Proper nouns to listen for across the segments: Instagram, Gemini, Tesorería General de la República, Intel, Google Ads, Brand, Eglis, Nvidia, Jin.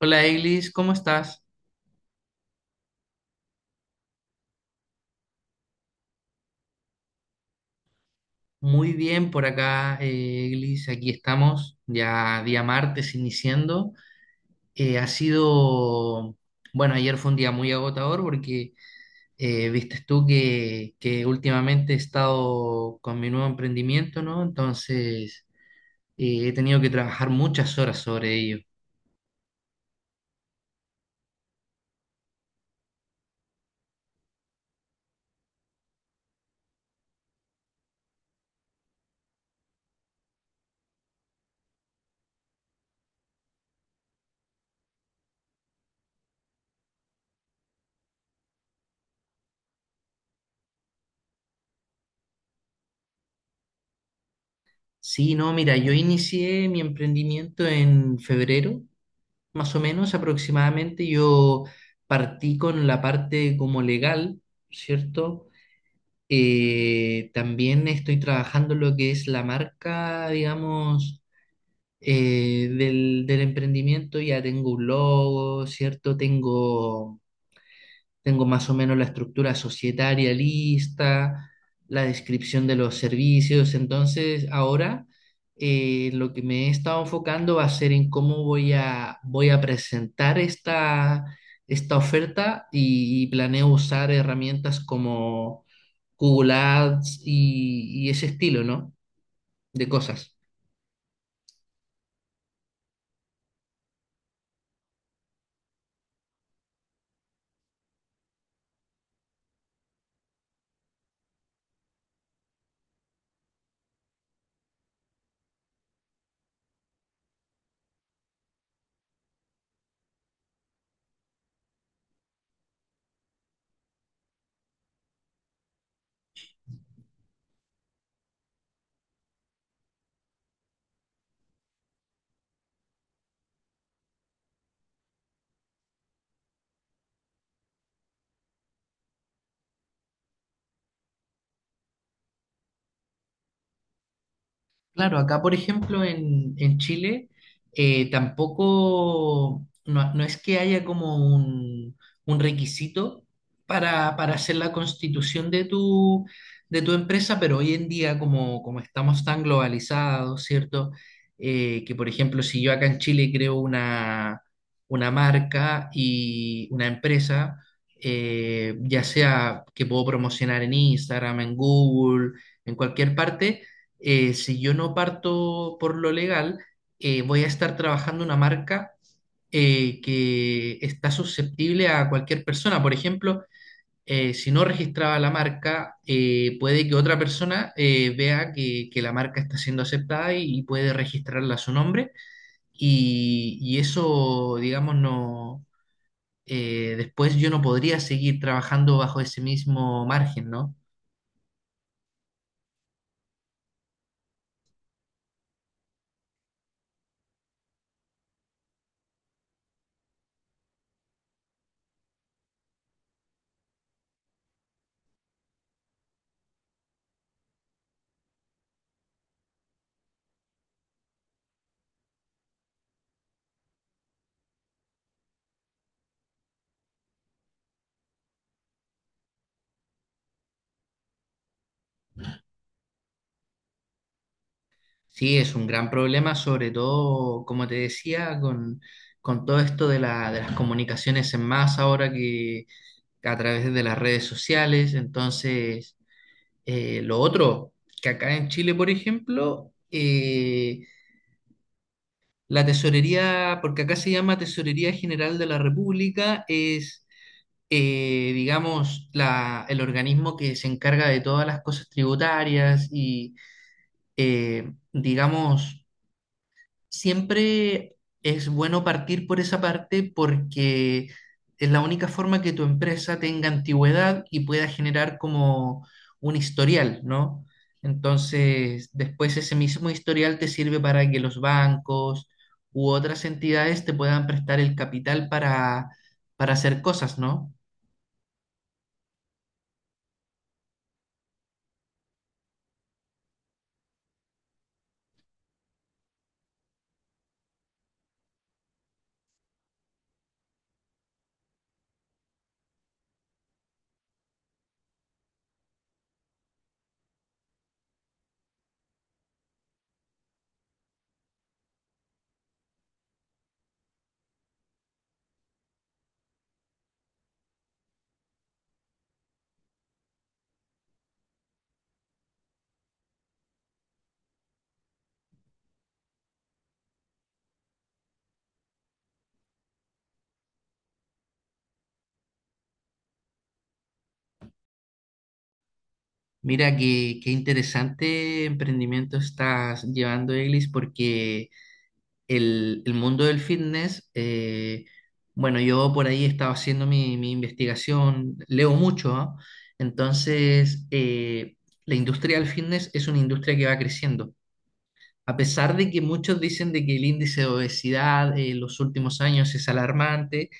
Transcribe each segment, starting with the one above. Hola Eglis, ¿cómo estás? Muy bien por acá, Eglis. Aquí estamos, ya día martes iniciando. Eh, ha sido, bueno, ayer fue un día muy agotador porque viste tú que últimamente he estado con mi nuevo emprendimiento, ¿no? Entonces he tenido que trabajar muchas horas sobre ello. Sí, no, mira, yo inicié mi emprendimiento en febrero. Más o menos aproximadamente yo partí con la parte como legal, ¿cierto? También estoy trabajando lo que es la marca, digamos, del emprendimiento. Ya tengo un logo, ¿cierto? Tengo más o menos la estructura societaria lista, la descripción de los servicios. Entonces, ahora lo que me he estado enfocando va a ser en cómo voy a presentar esta oferta y planeo usar herramientas como Google Ads y ese estilo, ¿no? De cosas. Claro, acá por ejemplo en Chile tampoco, no, no es que haya como un requisito para hacer la constitución de de tu empresa, pero hoy en día como estamos tan globalizados, ¿cierto? Que por ejemplo si yo acá en Chile creo una marca y una empresa, ya sea que puedo promocionar en Instagram, en Google, en cualquier parte si yo no parto por lo legal, voy a estar trabajando una marca que está susceptible a cualquier persona. Por ejemplo, si no registraba la marca, puede que otra persona vea que la marca está siendo aceptada y puede registrarla a su nombre. Y eso, digamos, no, después yo no podría seguir trabajando bajo ese mismo margen, ¿no? Sí, es un gran problema, sobre todo, como te decía, con todo esto de de las comunicaciones en masa ahora que a través de las redes sociales. Entonces, lo otro, que acá en Chile, por ejemplo, la tesorería, porque acá se llama Tesorería General de la República, es, digamos, el organismo que se encarga de todas las cosas tributarias digamos, siempre es bueno partir por esa parte porque es la única forma que tu empresa tenga antigüedad y pueda generar como un historial, ¿no? Entonces, después ese mismo historial te sirve para que los bancos u otras entidades te puedan prestar el capital para hacer cosas, ¿no? Mira qué interesante emprendimiento estás llevando, Eglis, porque el mundo del fitness, bueno, yo por ahí estaba haciendo mi investigación, leo mucho, ¿ah? Entonces, la industria del fitness es una industria que va creciendo. A pesar de que muchos dicen de que el índice de obesidad en los últimos años es alarmante,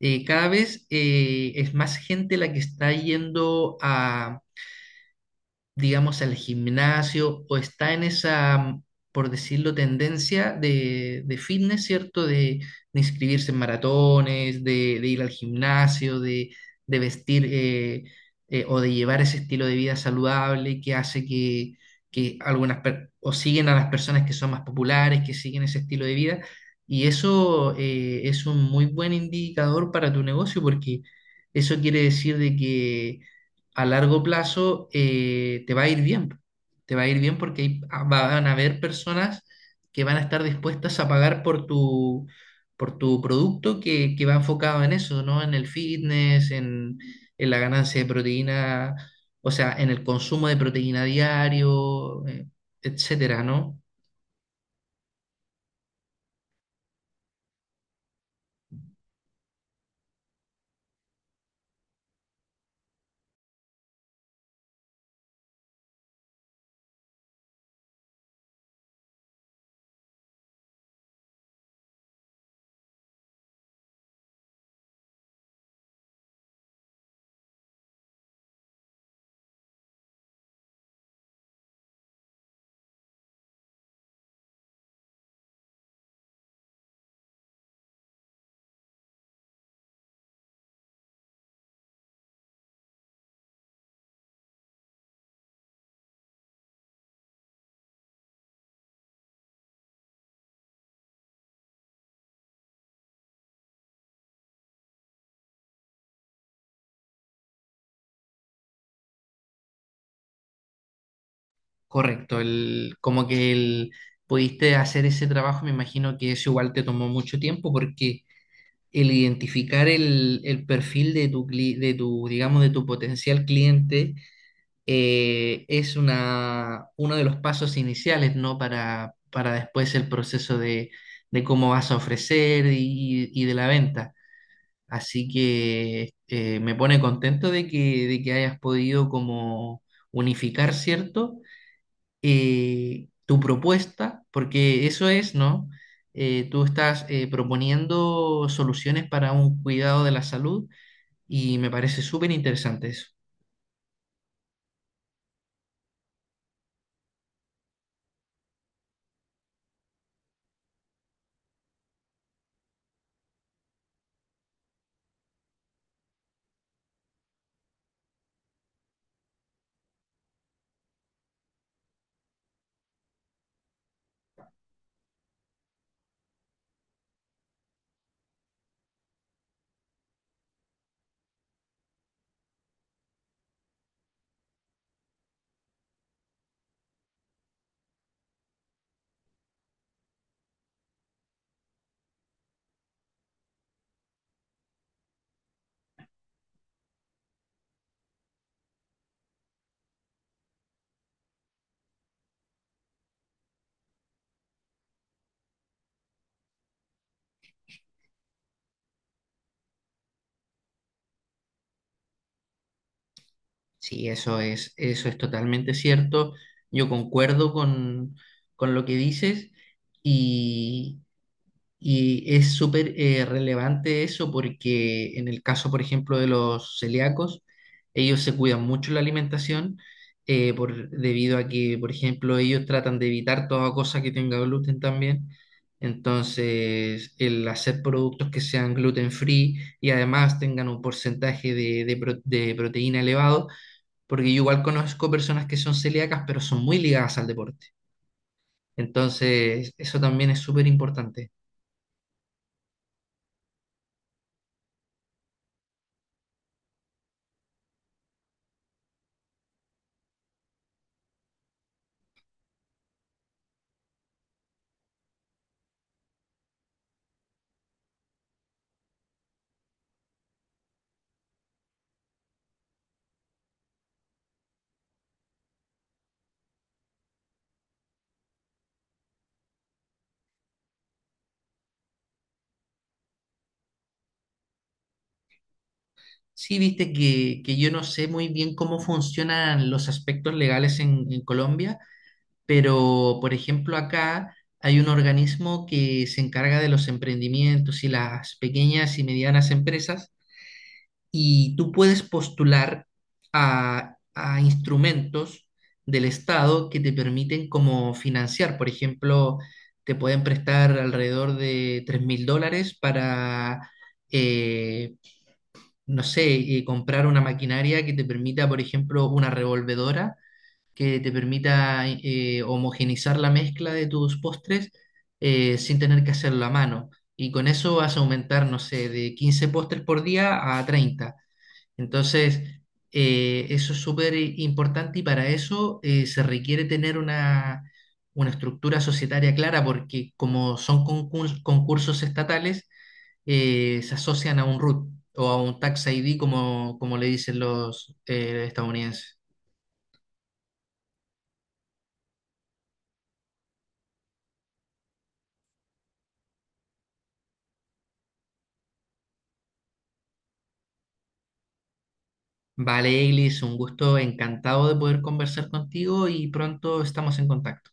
cada vez es más gente la que está yendo a, digamos, al gimnasio o está en esa, por decirlo, tendencia de fitness, ¿cierto? De inscribirse en maratones, de ir al gimnasio, de vestir o de llevar ese estilo de vida saludable que hace que algunas, o siguen a las personas que son más populares, que siguen ese estilo de vida. Y eso es un muy buen indicador para tu negocio porque eso quiere decir de que a largo plazo te va a ir bien. Te va a ir bien porque van a haber personas que van a estar dispuestas a pagar por por tu producto que va enfocado en eso, ¿no? En el fitness, en la ganancia de proteína, o sea, en el consumo de proteína diario, etcétera, ¿no? Correcto, el, como que el, pudiste hacer ese trabajo, me imagino que eso igual te tomó mucho tiempo porque el identificar el perfil de tu, de tu, digamos, de tu potencial cliente es una, uno de los pasos iniciales, ¿no? Para después el proceso de cómo vas a ofrecer y de la venta. Así que me pone contento de de que hayas podido como unificar, ¿cierto? Tu propuesta, porque eso es, ¿no? Tú estás proponiendo soluciones para un cuidado de la salud y me parece súper interesante eso. Sí, eso es totalmente cierto. Yo concuerdo con lo que dices y Y es súper relevante eso porque en el caso, por ejemplo, de los celíacos, ellos se cuidan mucho la alimentación debido a que, por ejemplo, ellos tratan de evitar toda cosa que tenga gluten también. Entonces, el hacer productos que sean gluten free y además tengan un porcentaje de proteína elevado, porque yo igual conozco personas que son celíacas, pero son muy ligadas al deporte. Entonces, eso también es súper importante. Sí, viste que yo no sé muy bien cómo funcionan los aspectos legales en Colombia, pero por ejemplo acá hay un organismo que se encarga de los emprendimientos y las pequeñas y medianas empresas y tú puedes postular a instrumentos del Estado que te permiten como financiar. Por ejemplo, te pueden prestar alrededor de $3.000 para... eh, no sé, comprar una maquinaria que te permita, por ejemplo, una revolvedora que te permita homogeneizar la mezcla de tus postres sin tener que hacerlo a mano. Y con eso vas a aumentar, no sé, de 15 postres por día a 30. Entonces, eso es súper importante y para eso se requiere tener una estructura societaria clara porque como son concursos estatales, se asocian a un root o a un tax ID, como, como le dicen los estadounidenses. Vale, Eglis, un gusto, encantado de poder conversar contigo y pronto estamos en contacto.